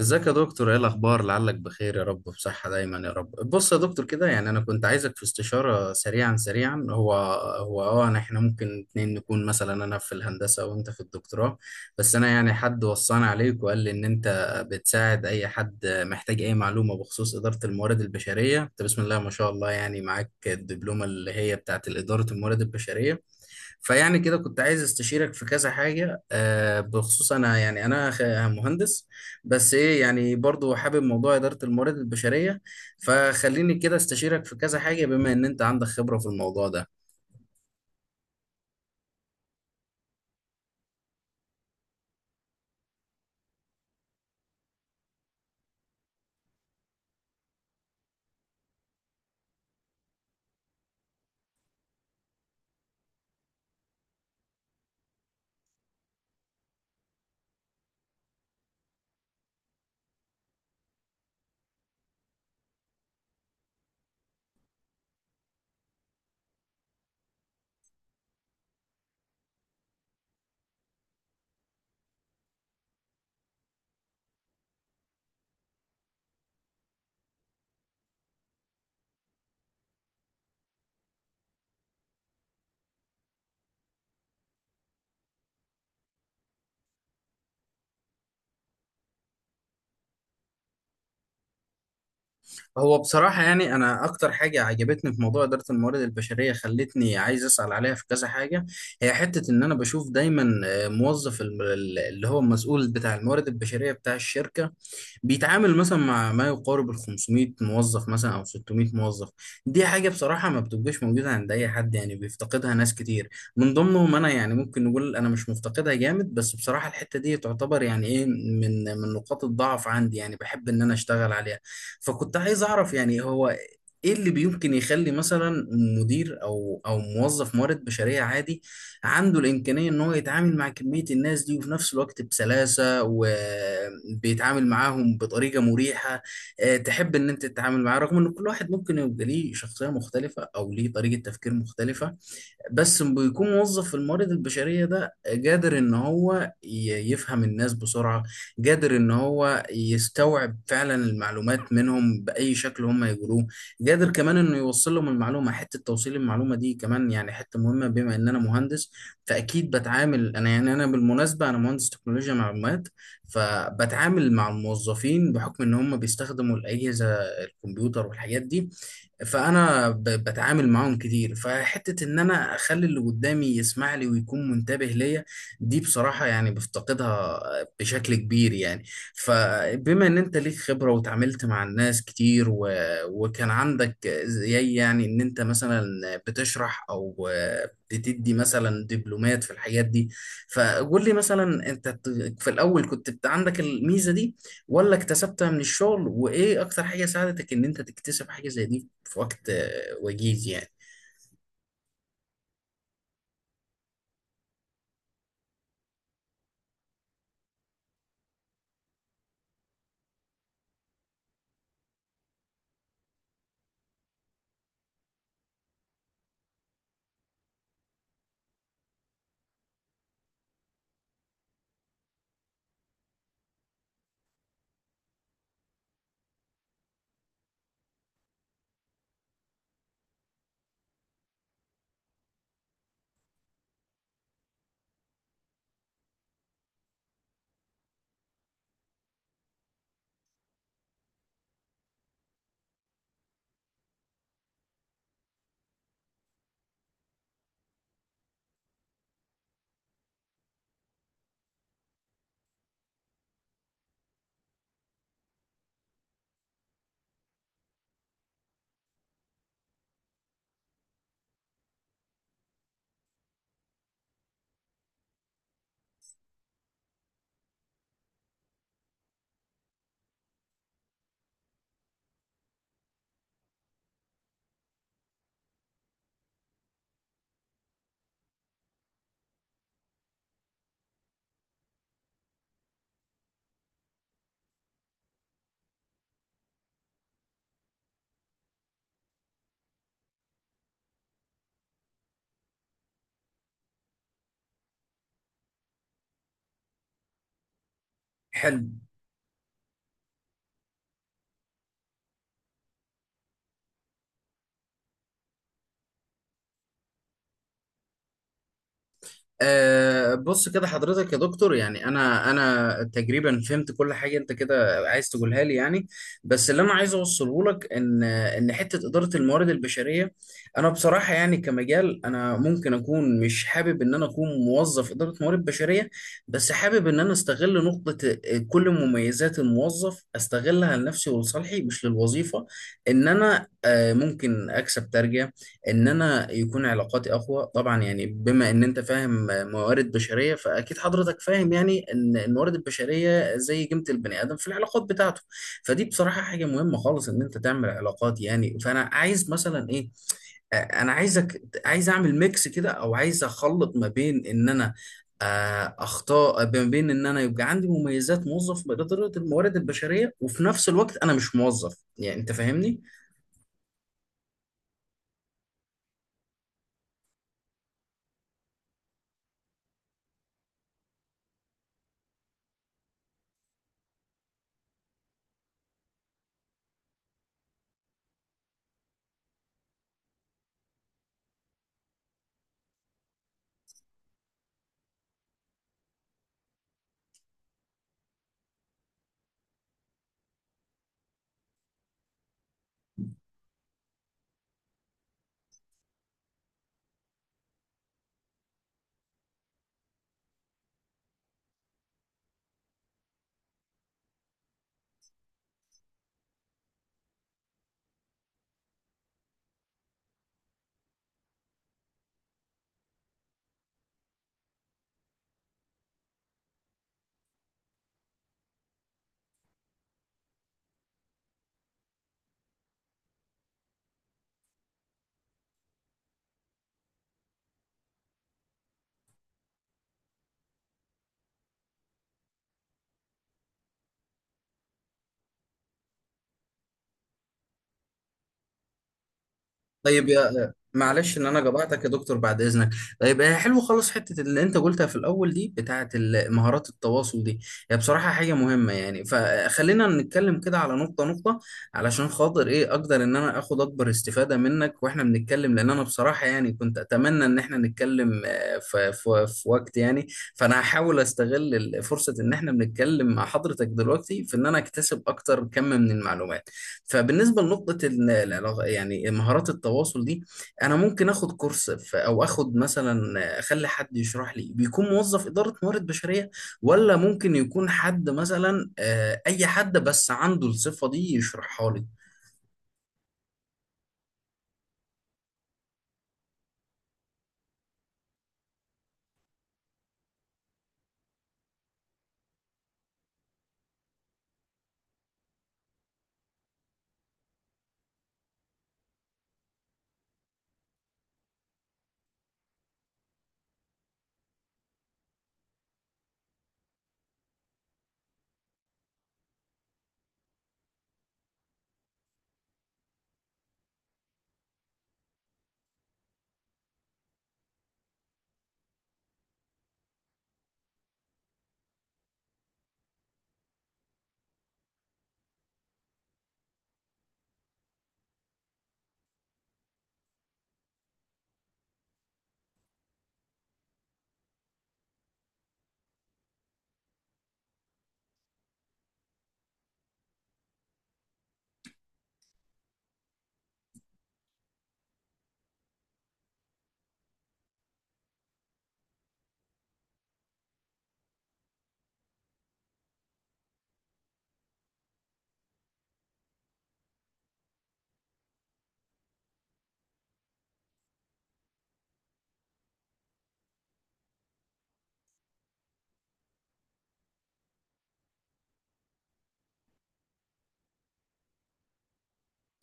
ازيك يا دكتور؟ ايه الاخبار؟ لعلك بخير يا رب، بصحة دايما يا رب. بص يا دكتور كده، يعني انا كنت عايزك في استشارة سريعا سريعا. احنا ممكن اتنين نكون، مثلا انا في الهندسة وانت في الدكتوراه، بس انا يعني حد وصاني عليك وقال لي ان انت بتساعد اي حد محتاج اي معلومة بخصوص إدارة الموارد البشرية. انت بسم الله ما شاء الله يعني معاك الدبلومة اللي هي بتاعت إدارة الموارد البشرية، فيعني كده كنت عايز استشيرك في كذا حاجة. بخصوص انا يعني انا خ- مهندس، بس ايه يعني برضو حابب موضوع إدارة الموارد البشرية، فخليني كده استشيرك في كذا حاجة بما ان انت عندك خبرة في الموضوع ده. هو بصراحة يعني أنا أكتر حاجة عجبتني في موضوع إدارة الموارد البشرية خلتني عايز أسأل عليها في كذا حاجة، هي حتة إن أنا بشوف دايما موظف اللي هو المسؤول بتاع الموارد البشرية بتاع الشركة بيتعامل مثلا مع ما يقارب ال 500 موظف مثلا أو 600 موظف. دي حاجة بصراحة ما بتبقاش موجودة عند أي حد، يعني بيفتقدها ناس كتير، من ضمنهم أنا. يعني ممكن نقول أنا مش مفتقدها جامد، بس بصراحة الحتة دي تعتبر يعني إيه، من نقاط الضعف عندي، يعني بحب إن أنا أشتغل عليها. فكنت عايز اعرف يعني هو ايه اللي بيمكن يخلي مثلا مدير او موظف موارد بشريه عادي عنده الامكانيه ان هو يتعامل مع كميه الناس دي، وفي نفس الوقت بسلاسه وبيتعامل معاهم بطريقه مريحه، تحب ان انت تتعامل معاه، رغم ان كل واحد ممكن يبقى ليه شخصيه مختلفه او ليه طريقه تفكير مختلفه، بس بيكون موظف في الموارد البشرية ده قادر إن هو يفهم الناس بسرعة، قادر إن هو يستوعب فعلا المعلومات منهم بأي شكل هم يقولوه، قادر كمان إنه يوصل لهم المعلومة. حتة توصيل المعلومة دي كمان يعني حتة مهمة، بما إن أنا مهندس فأكيد بتعامل، أنا يعني أنا بالمناسبة أنا مهندس تكنولوجيا معلومات، فبتعامل مع الموظفين بحكم إن هم بيستخدموا الأجهزة الكمبيوتر والحاجات دي، بتعامل معاهم كتير. فحته ان انا اخلي اللي قدامي يسمع لي ويكون منتبه ليا، دي بصراحه يعني بفتقدها بشكل كبير يعني. فبما ان انت ليك خبره وتعاملت مع الناس كتير و... وكان عندك زي يعني ان انت مثلا بتشرح او بتدي مثلا دبلومات في الحاجات دي، فقول لي مثلا انت في الاول كنت عندك الميزه دي ولا اكتسبتها من الشغل، وايه اكتر حاجه ساعدتك ان انت تكتسب حاجه زي دي في وقت وجيز يعني. حلو. أه، بص كده حضرتك يا دكتور، يعني انا تقريبا فهمت كل حاجه انت كده عايز تقولها لي يعني، بس اللي انا عايز اوصله لك ان حته اداره الموارد البشريه، انا بصراحه يعني كمجال انا ممكن اكون مش حابب ان انا اكون موظف اداره موارد بشريه، بس حابب ان انا استغل نقطه كل مميزات الموظف استغلها لنفسي ولصالحي مش للوظيفه. ان انا ممكن اكسب ترجمه، ان انا يكون علاقاتي اقوى. طبعا يعني بما ان انت فاهم موارد بشريه فاكيد حضرتك فاهم يعني ان الموارد البشريه زي قيمه البني ادم في العلاقات بتاعته، فدي بصراحه حاجه مهمه خالص ان انت تعمل علاقات يعني. فانا عايز مثلا ايه، انا عايز اعمل ميكس كده او عايز اخلط ما بين ان انا اخطاء، ما بين ان انا يبقى عندي مميزات موظف بإدارة الموارد البشريه وفي نفس الوقت انا مش موظف. يعني انت فاهمني. طيب يا معلش ان انا جبعتك يا دكتور بعد اذنك. طيب حلو خالص. حته اللي انت قلتها في الاول دي بتاعه مهارات التواصل دي، هي بصراحه حاجه مهمه يعني، فخلينا نتكلم كده على نقطه نقطه، علشان خاطر ايه اقدر ان انا اخد اكبر استفاده منك واحنا بنتكلم، لان انا بصراحه يعني كنت اتمنى ان احنا نتكلم في في وقت يعني، فانا هحاول استغل فرصه ان احنا بنتكلم مع حضرتك دلوقتي في ان انا اكتسب اكتر كم من المعلومات. فبالنسبه لنقطه العلاقة يعني مهارات التواصل دي، انا ممكن اخد كورس او اخد مثلا اخلي حد يشرح لي بيكون موظف اداره موارد بشريه، ولا ممكن يكون حد مثلا اي حد بس عنده الصفه دي يشرحها لي؟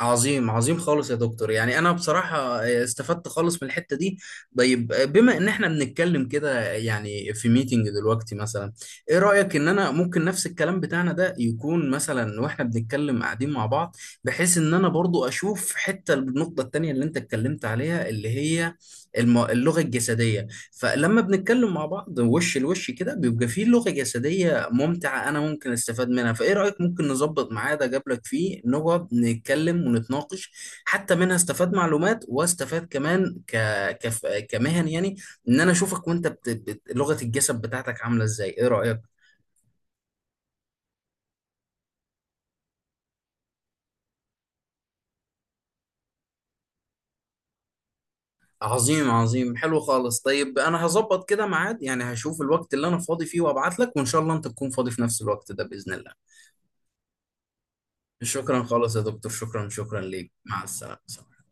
عظيم، عظيم خالص يا دكتور. يعني انا بصراحة استفدت خالص من الحتة دي. طيب بما ان احنا بنتكلم كده يعني في ميتنج دلوقتي مثلا، ايه رأيك ان انا ممكن نفس الكلام بتاعنا ده يكون مثلا واحنا بنتكلم قاعدين مع بعض، بحيث ان انا برضو اشوف حتة النقطة التانية اللي انت اتكلمت عليها اللي هي اللغة الجسدية، فلما بنتكلم مع بعض وش لوش كده بيبقى فيه لغة جسدية ممتعة أنا ممكن أستفاد منها. فإيه رأيك؟ ممكن نظبط ميعاد أجابلك فيه نقعد نتكلم ونتناقش، حتى منها استفاد معلومات واستفاد كمان كمهن يعني، إن أنا أشوفك وأنت لغة الجسد بتاعتك عاملة إزاي. إيه رأيك؟ عظيم، عظيم، حلو خالص. طيب أنا هظبط كده ميعاد، يعني هشوف الوقت اللي أنا فاضي فيه وأبعت لك، وإن شاء الله أنت تكون فاضي في نفس الوقت ده بإذن الله. شكرا خالص يا دكتور، شكرا ليك. مع السلامة.